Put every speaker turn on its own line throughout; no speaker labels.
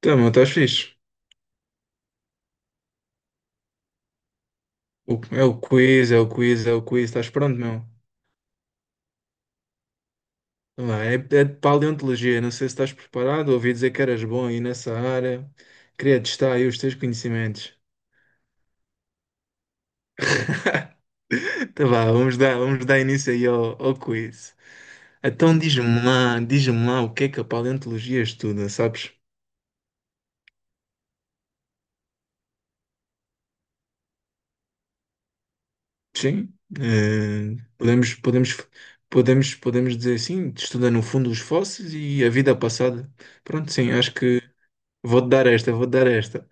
Tá, meu, estás fixe. É o quiz, é o quiz, é o quiz. Estás pronto, meu? Vamos lá. É de paleontologia. Não sei se estás preparado. Ouvi dizer que eras bom aí nessa área. Queria testar aí os teus conhecimentos. Tá vá, vamos dar início aí ao quiz. Então diz-me lá o que é que a paleontologia estuda, sabes? Sim, eh, podemos, podemos, podemos dizer sim, estuda no fundo os fósseis e a vida passada. Pronto, sim, acho que vou-te dar esta, vou-te dar esta.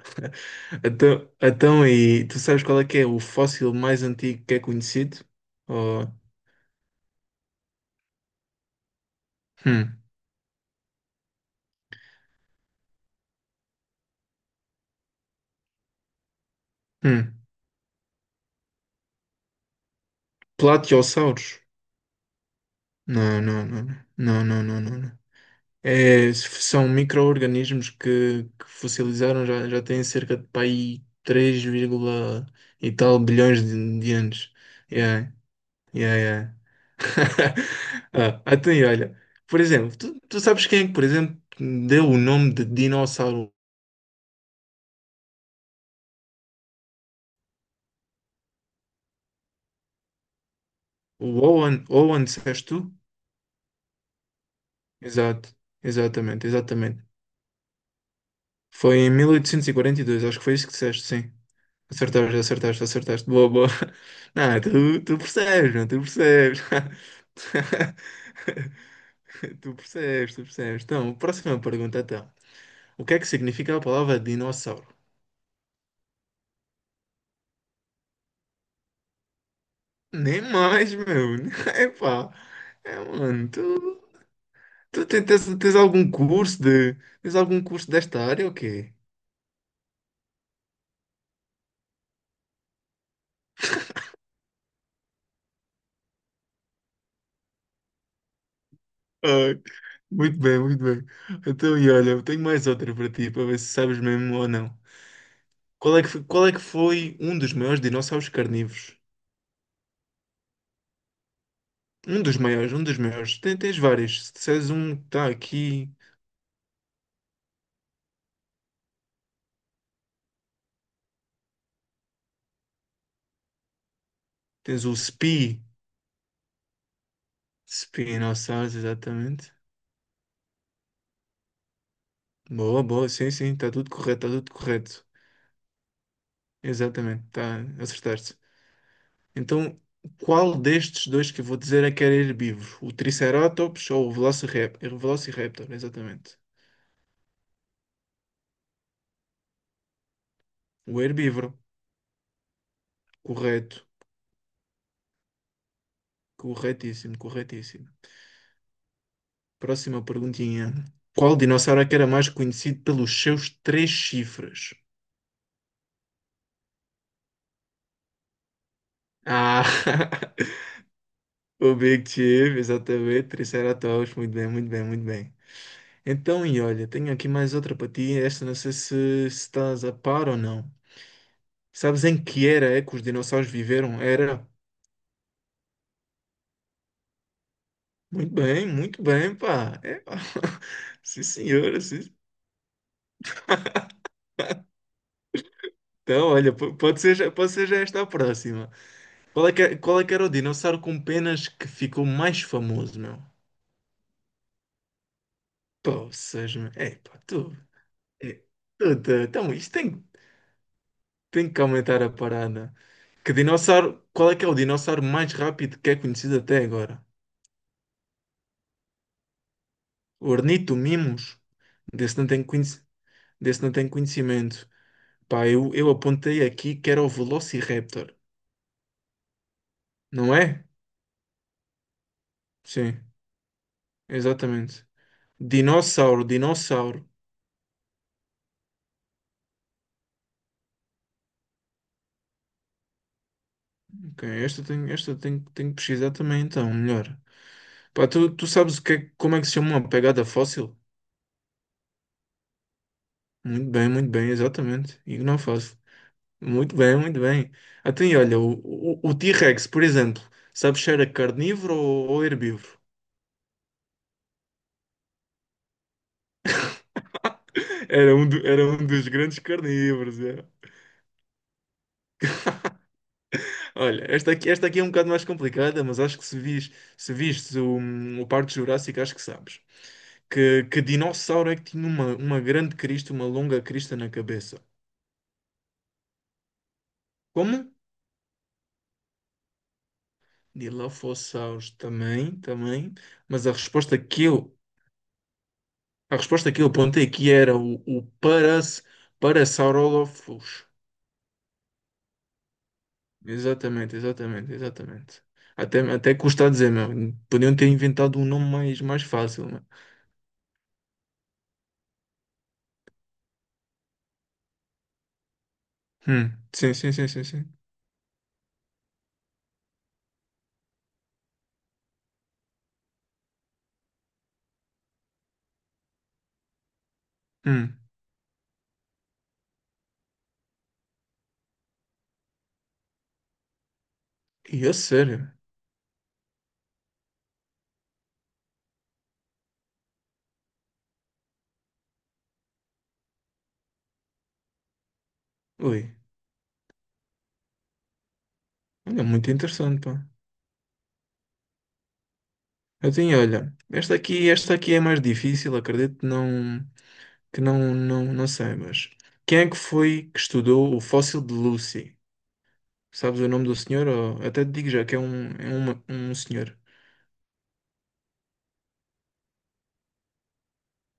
Então, e tu sabes qual é que é o fóssil mais antigo que é conhecido? Oh, hum, hum. Platiossauros? Não, não, não, não, não, não, não, não. É, são micro-organismos que fossilizaram já, já têm cerca de pá, aí três vírgula e tal bilhões de anos. Yeah, yeah, yeah. Ah, então, e olha, por exemplo, tu sabes quem é que, por exemplo, deu o nome de dinossauro. O Owen, Owen, disseste tu? Exato, exatamente, exatamente. Foi em mil oitocentos e quarenta e dois, acho que foi isso que disseste, sim. Acertaste, acertaste, acertaste. Boa, boa. Não, tu percebes, não, tu percebes. Tu percebes, tu percebes. Então, próxima pergunta, então. O que é que significa a palavra dinossauro? Nem mais, meu. Epá. É, mano, tens algum curso de... Tens algum curso desta área ou quê? Muito bem, muito bem. Então, e olha, eu tenho mais outra para ti, para ver se sabes mesmo ou não. Qual é que foi, qual é que foi um dos maiores dinossauros carnívoros? Um dos maiores, um dos maiores. Tens vários. Se disseres um, tá aqui. Tens o Spi. Spinossauros, exatamente. Boa, boa, sim, sim, está tudo correto, está tudo correto. Exatamente, tá, acertaste. Então, qual destes dois que eu vou dizer é que era herbívoro? O Triceratops ou o Velociraptor? Velociraptor, exatamente. O herbívoro, correto. Corretíssimo, corretíssimo. Próxima perguntinha. Qual dinossauro é que era mais conhecido pelos seus três chifres? Ah, o Big Chief, exatamente, Triceratops, muito bem, muito bem, muito bem. Então, e olha, tenho aqui mais outra para ti, esta não sei se estás a par ou não. Sabes em que era é que os dinossauros viveram? Era? Muito bem, pá. É, pá. Sim, senhora, sim. Então, olha, pode ser, pode ser já esta a próxima. Qual é que era o dinossauro com penas que ficou mais famoso, meu? Poças, meu. É, pá, tu. É, então, isto tem que aumentar a parada. Que dinossauro. Qual é que é o dinossauro mais rápido que é conhecido até agora? Ornitomimos? Desse não tenho, conhec- desse não tenho conhecimento. Pá, eu apontei aqui que era o Velociraptor, não é? Sim, exatamente. Dinossauro, dinossauro. Ok, esta eu tenho, tenho que pesquisar também, então, melhor. Pá, tu sabes como é que se chama uma pegada fóssil? Muito bem, exatamente. E não faço. Muito bem, muito bem. Até aí, olha, o T-Rex, por exemplo, sabes se era carnívoro ou herbívoro? Era um dos grandes carnívoros. É. Olha, esta aqui é um bocado mais complicada, mas acho que se viste o Parque Jurássico, acho que sabes. Que dinossauro é que tinha uma grande crista, uma longa crista na cabeça? Como? Dilophosaurus também, também. Mas a resposta que eu apontei aqui era o Parasaurolophus. Exatamente, exatamente, exatamente. Até custa a dizer, meu. Podiam ter inventado um nome mais fácil, meu. Sim, sim, sim, sim, sim. Hum. E a sério? Ui, olha, muito interessante, pá. Eu tenho, olha, esta aqui é mais difícil, acredito, não, que não, não, não sei, mas quem é que foi que estudou o fóssil de Lucy? Sabes o nome do senhor? Ou... Até te digo já que é um, um senhor.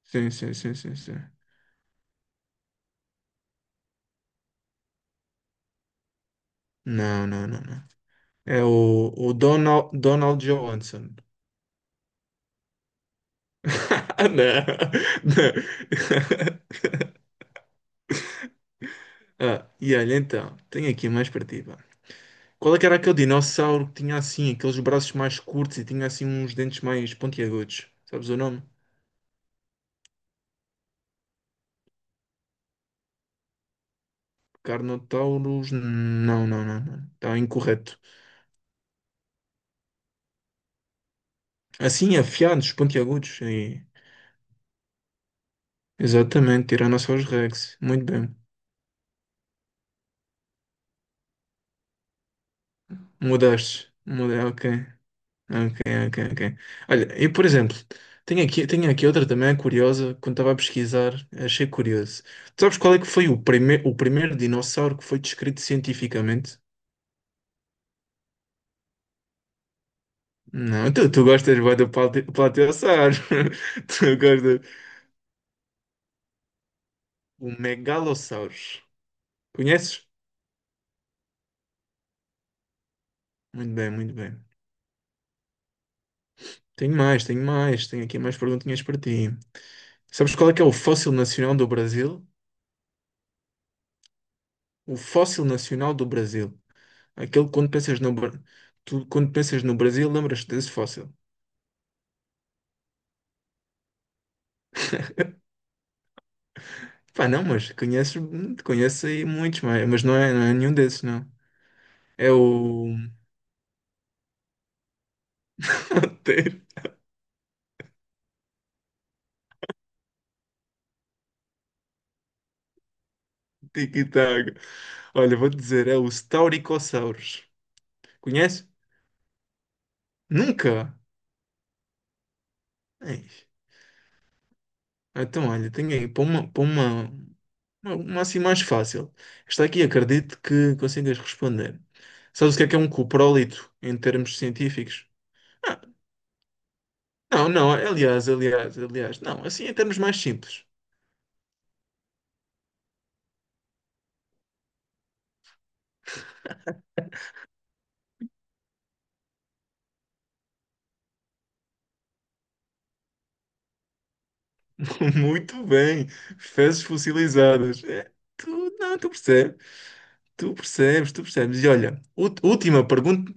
Sim, sim, sim, sim, sim. Não, não, não, não. É o Donald, Donald Johnson. Não, não. Ah, e olha, então, tenho aqui mais para ti, pá. Qual é que era aquele dinossauro que tinha assim, aqueles braços mais curtos e tinha assim uns dentes mais pontiagudos? Sabes o nome? Carnotauros. Não, não, não, não. Está incorreto. Assim, afiados, pontiagudos. E... Exatamente, Tiranossauros Rex. Muito bem. Mudaste. Muda, ok. Ok, ok, ok. Olha, eu, por exemplo, tenho aqui outra também curiosa. Quando estava a pesquisar, achei curioso. Tu sabes qual é que foi o primeiro dinossauro que foi descrito cientificamente? Não, tu gostas bué do plateossauro. Tu gostas. O Megalossauros. Conheces? Muito bem, muito bem. Tenho mais, tenho mais. Tenho aqui mais perguntinhas para ti. Sabes qual é que é o fóssil nacional do Brasil? O fóssil nacional do Brasil. Aquele que quando pensas no, Bra- tu, quando pensas no Brasil, lembras-te desse fóssil. Pá, não, mas conheces aí muitos, mas não é nenhum desses, não. É o... Tiki-taka. Olha, vou-te dizer, é o Staurikosaurus. Conhece? Nunca? Ei. Ah, então, olha, tenho aí, para uma assim mais fácil. Esta aqui acredito que consigas responder. Sabes o que é um cuprólito em termos científicos? Ah, não, não, aliás, aliás, aliás, não, assim em termos mais simples. Muito bem, fezes fossilizadas. É, tu, não, tu percebes, tu percebes, tu percebes. E olha,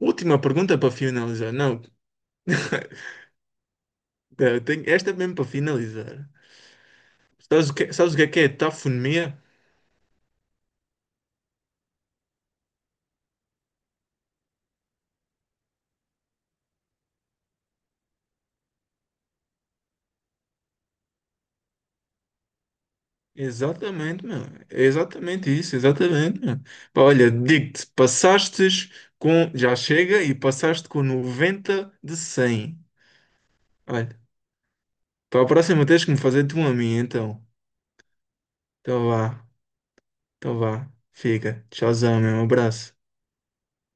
última pergunta para finalizar. Não, não, eu tenho esta mesmo para finalizar. Sabes o que é que é tafonomia? Exatamente, meu. É exatamente isso, exatamente, meu. Pá, olha, digo-te, passastes com. Já chega e passaste com 90 de 100. Olha, para a próxima tens que me fazer tu a mim, então. Então vá, então vá. Fica. Tchauzão, meu. Um abraço.